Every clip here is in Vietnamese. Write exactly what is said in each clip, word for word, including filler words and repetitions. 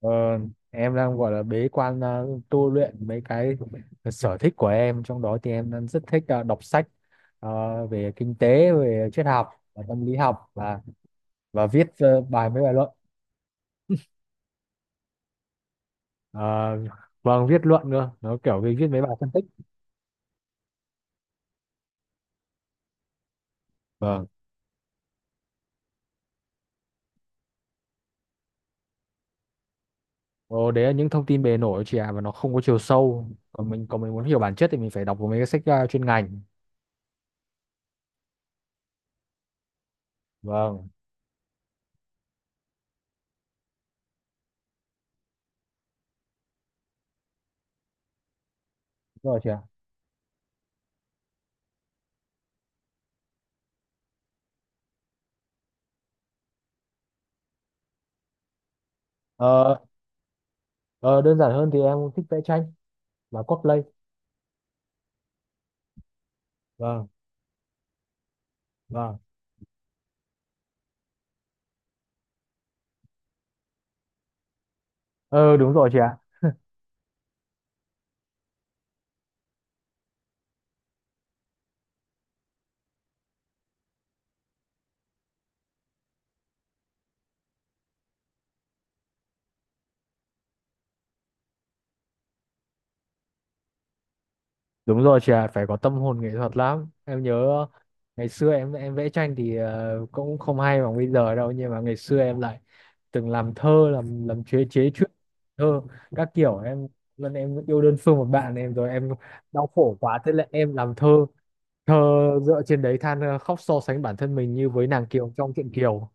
Ờ, em đang gọi là bế quan ờ, tu luyện mấy cái sở thích của em, trong đó thì em đang rất thích ờ, đọc sách ờ, về kinh tế, về triết học và tâm lý học, và và viết ờ, bài mấy bài luận. Ờ, vâng, viết luận nữa, nó kiểu về viết mấy bài phân tích. Vâng. Ồ, đấy là những thông tin bề nổi chị ạ, và nó không có chiều sâu. Còn mình còn mình muốn hiểu bản chất thì mình phải đọc mấy cái sách ờ, chuyên ngành. Vâng. Đúng rồi chị ạ. Ờ, ờ, Đơn giản hơn thì em thích vẽ tranh và cosplay. Vâng. Vâng. ờ Đúng rồi chị ạ. Đúng rồi chị ạ, phải có tâm hồn nghệ thuật lắm. Em nhớ ngày xưa em em vẽ tranh thì ờ, cũng không hay bằng bây giờ đâu, nhưng mà ngày xưa em lại từng làm thơ, làm làm chế chế truyện thơ các kiểu. Em lần em yêu đơn phương một bạn, em rồi em đau khổ quá, thế là em làm thơ thơ dựa trên đấy, than ờ, khóc, so sánh bản thân mình như với nàng Kiều trong truyện Kiều.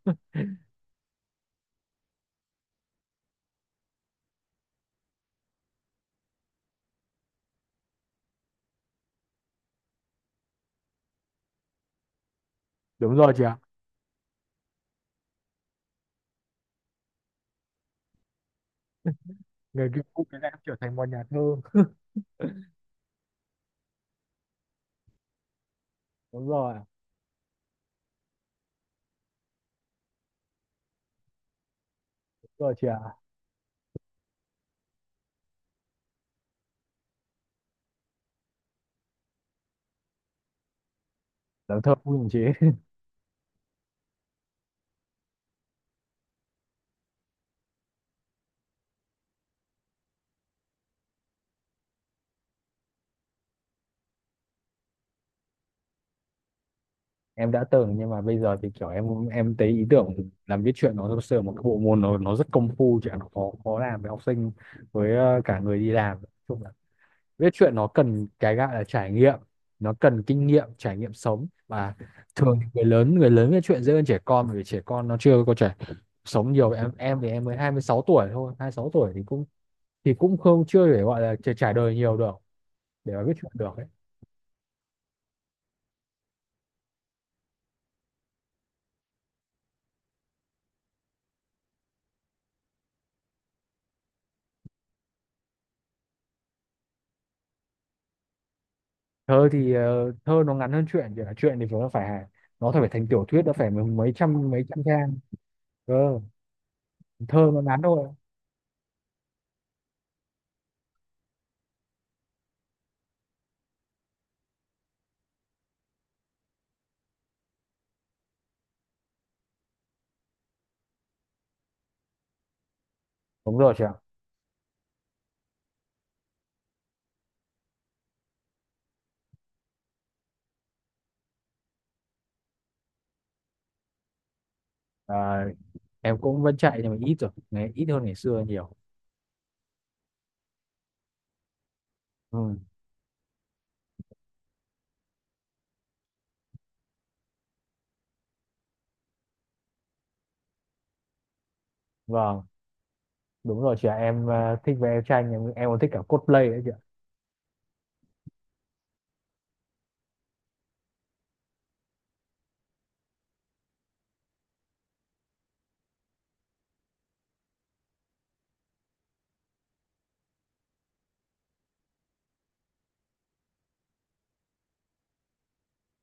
Đúng rồi chị ạ. Người kia cũng cái này em trở thành một nhà thơ. Đúng rồi, đúng rồi chị ạ. Làm thơ cũng chị. Em đã từng, nhưng mà bây giờ thì kiểu em em thấy ý tưởng làm viết truyện nó thực sự là một cái bộ môn, nó nó rất công phu, chứ nó khó khó làm với học sinh, với ờ, cả người đi làm. Nói chung là viết truyện nó cần cái gọi là trải nghiệm, nó cần kinh nghiệm, trải nghiệm sống. Và thường thì người lớn người lớn viết truyện dễ hơn trẻ con, bởi vì trẻ con nó chưa có trải sống nhiều. Em em thì em mới hai mươi sáu tuổi thôi, hai mươi sáu tuổi thì cũng, thì cũng không, chưa để gọi là trải trải đời nhiều được để mà viết truyện được ấy. Thơ thì ờ, thơ nó ngắn hơn truyện, chỉ là truyện thì nó phải nó phải thành tiểu thuyết, nó phải mấy mấy trăm mấy trăm trang cơ. Thơ nó ngắn thôi. Đúng rồi chị ạ. à, em cũng vẫn chạy nhưng mà ít rồi, ngày ít hơn ngày xưa nhiều. Ừ, vâng, đúng rồi chị ạ, em ờ, thích vẽ tranh, em em còn thích cả cosplay đấy chị ạ.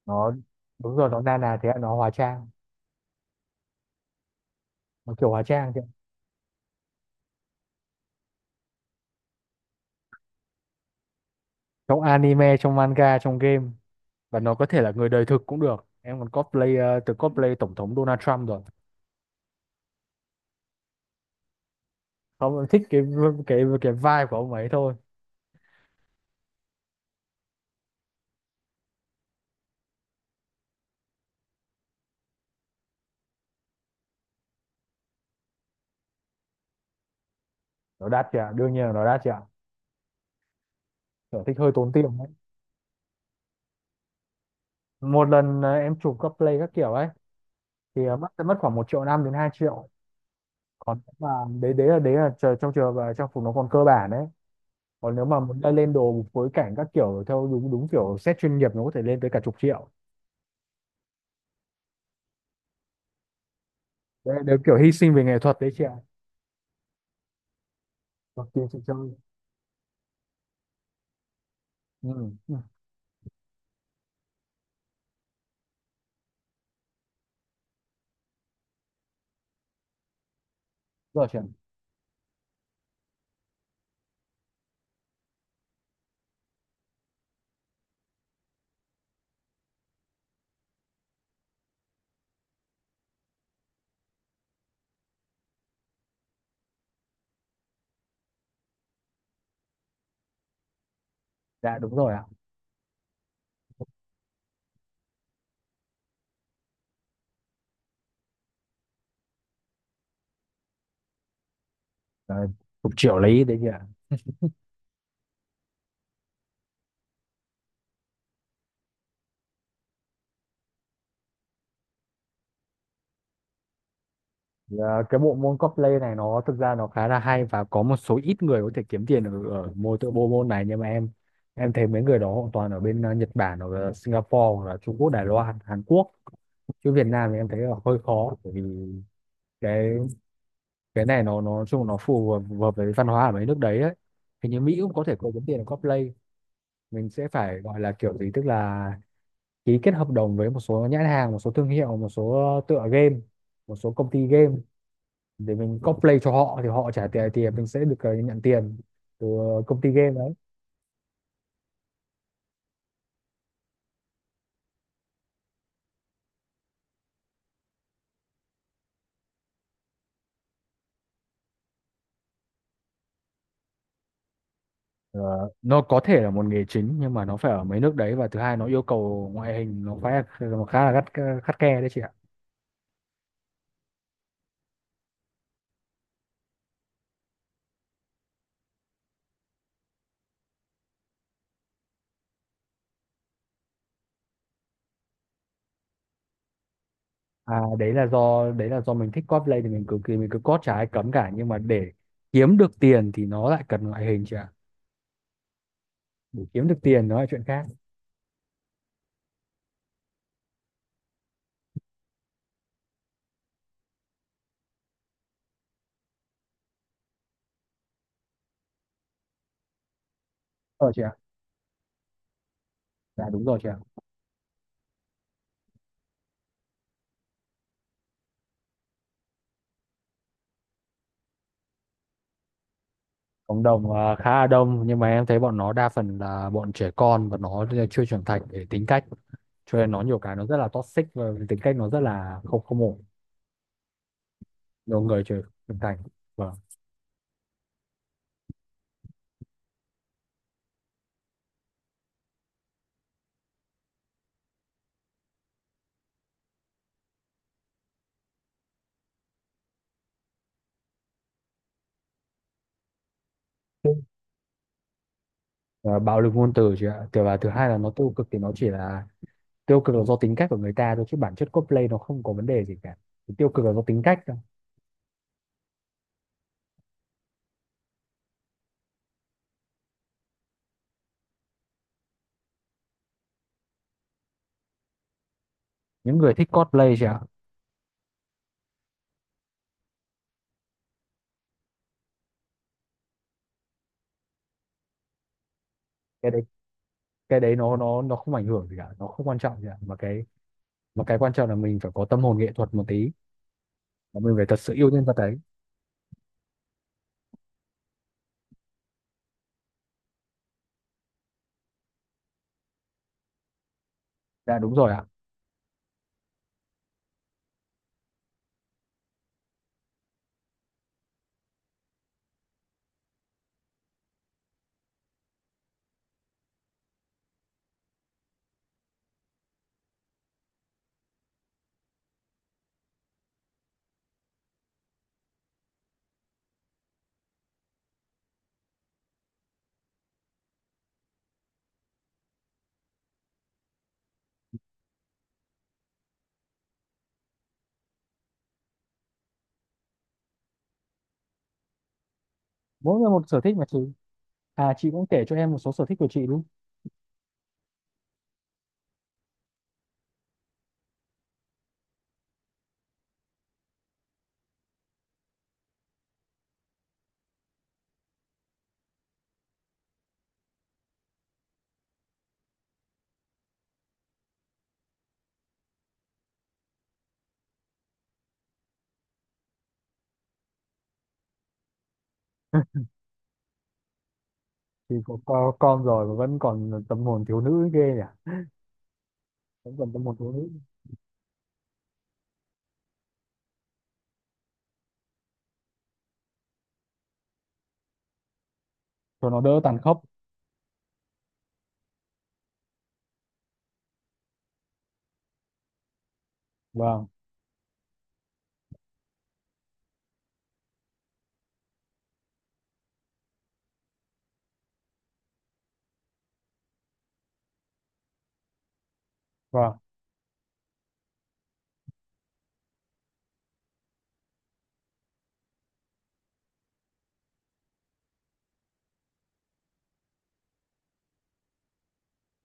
Nó đúng rồi, nó na nà thế ạ, nó hóa trang, nó kiểu hóa trang chị ạ. Trong anime, trong manga, trong game, và nó có thể là người đời thực cũng được. Em còn cosplay, ờ, từ từng cosplay tổng thống Donald Trump rồi. Không, em thích cái cái cái vibe của ông ấy thôi. Nó đắt chị, đương nhiên là nó đắt chị. Sở thích hơi tốn tiền đấy. Một lần à, em chụp các play các kiểu ấy thì à, mất sẽ mất khoảng một triệu năm đến hai triệu. Còn nếu mà, đấy đấy là đấy là chờ- trong trường hợp là trang phục nó còn cơ bản đấy. Còn nếu mà muốn lên đồ phối cảnh các kiểu theo đúng đúng kiểu set chuyên nghiệp, nó có thể lên tới cả chục triệu. Đấy là đều kiểu hy sinh về nghệ thuật đấy chị ạ. Còn tiền chị chơi. Ừ. Ừ. Rồi chị ạ. Dạ đúng rồi ạ. Đấy, chục triệu lấy đấy chị ạ. Ờ, cái bộ môn cosplay này nó thực ra nó khá là hay, và có một số ít người có thể kiếm tiền ở, ở môn tự bộ môn này, nhưng mà em em thấy mấy người đó hoàn toàn ở bên ờ, Nhật Bản, hoặc là Singapore, hoặc là Trung Quốc, Đài Loan, Hàn Quốc. Chứ Việt Nam thì em thấy là hơi khó, bởi vì cái cái này nó nó nói chung nó phù hợp, phù hợp với văn hóa ở mấy nước đấy ấy. Hình như Mỹ cũng có thể có kiếm tiền ở cosplay. Mình sẽ phải gọi là kiểu gì, tức là ký kết hợp đồng với một số nhãn hàng, một số thương hiệu, một số ờ, tựa game, một số công ty game, để mình cosplay cho họ thì họ trả tiền, thì mình sẽ được ờ, nhận tiền từ công ty game đấy. Ờ, nó có thể là một nghề chính nhưng mà nó phải ở mấy nước đấy, và thứ hai nó yêu cầu ngoại hình, nó phải, nó khá là gắt, khắt khe đấy chị ạ. à đấy là do đấy là do mình thích cosplay thì mình cực kỳ, mình cứ cos chả ai cấm cả, nhưng mà để kiếm được tiền thì nó lại cần ngoại hình chị ạ. Để kiếm được tiền nó là chuyện khác. ờ chị ạ. Dạ đúng rồi chị ạ. Cộng đồng ờ, khá là đông, nhưng mà em thấy bọn nó đa phần là bọn trẻ con, và nó chưa trưởng thành để tính cách, cho nên nó nhiều cái nó rất là toxic, và tính cách nó rất là không không ổn. Nhiều người trưởng trưởng thành. Vâng. Và bạo lực ngôn từ chứ ạ. Thứ và thứ hai là nó tiêu cực, thì nó chỉ là tiêu cực là do tính cách của người ta thôi, chứ bản chất cosplay nó không có vấn đề gì cả. Thì tiêu cực là do tính cách thôi. Những người thích cosplay chứ ạ. Cái đấy cái đấy nó nó nó không ảnh hưởng gì cả, nó không quan trọng gì cả. Mà cái mà cái quan trọng là mình phải có tâm hồn nghệ thuật một tí, và mình phải thật sự yêu nhân vật đấy. Dạ đúng rồi ạ. Mỗi người một sở thích mà chị. À, chị cũng kể cho em một số sở thích của chị đúng. Thì có co- con rồi mà vẫn còn tâm hồn thiếu nữ ghê nhỉ. Vẫn còn tâm hồn thiếu nữ cho nó đỡ tàn khốc. Vâng. Vâng.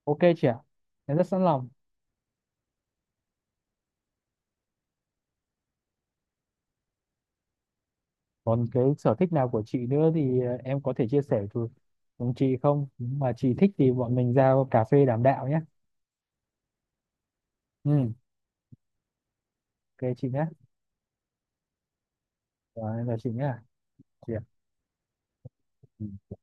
Ok chị ạ, em rất sẵn lòng. Còn cái sở thích nào của chị nữa thì ờ, em có thể chia sẻ với cùng chị không? Nếu mà chị thích thì bọn mình ra cà phê đàm đạo nhé. Ừ. Ok chị nhé. Rồi em chào chị nhé. Chị ạ. Ừ.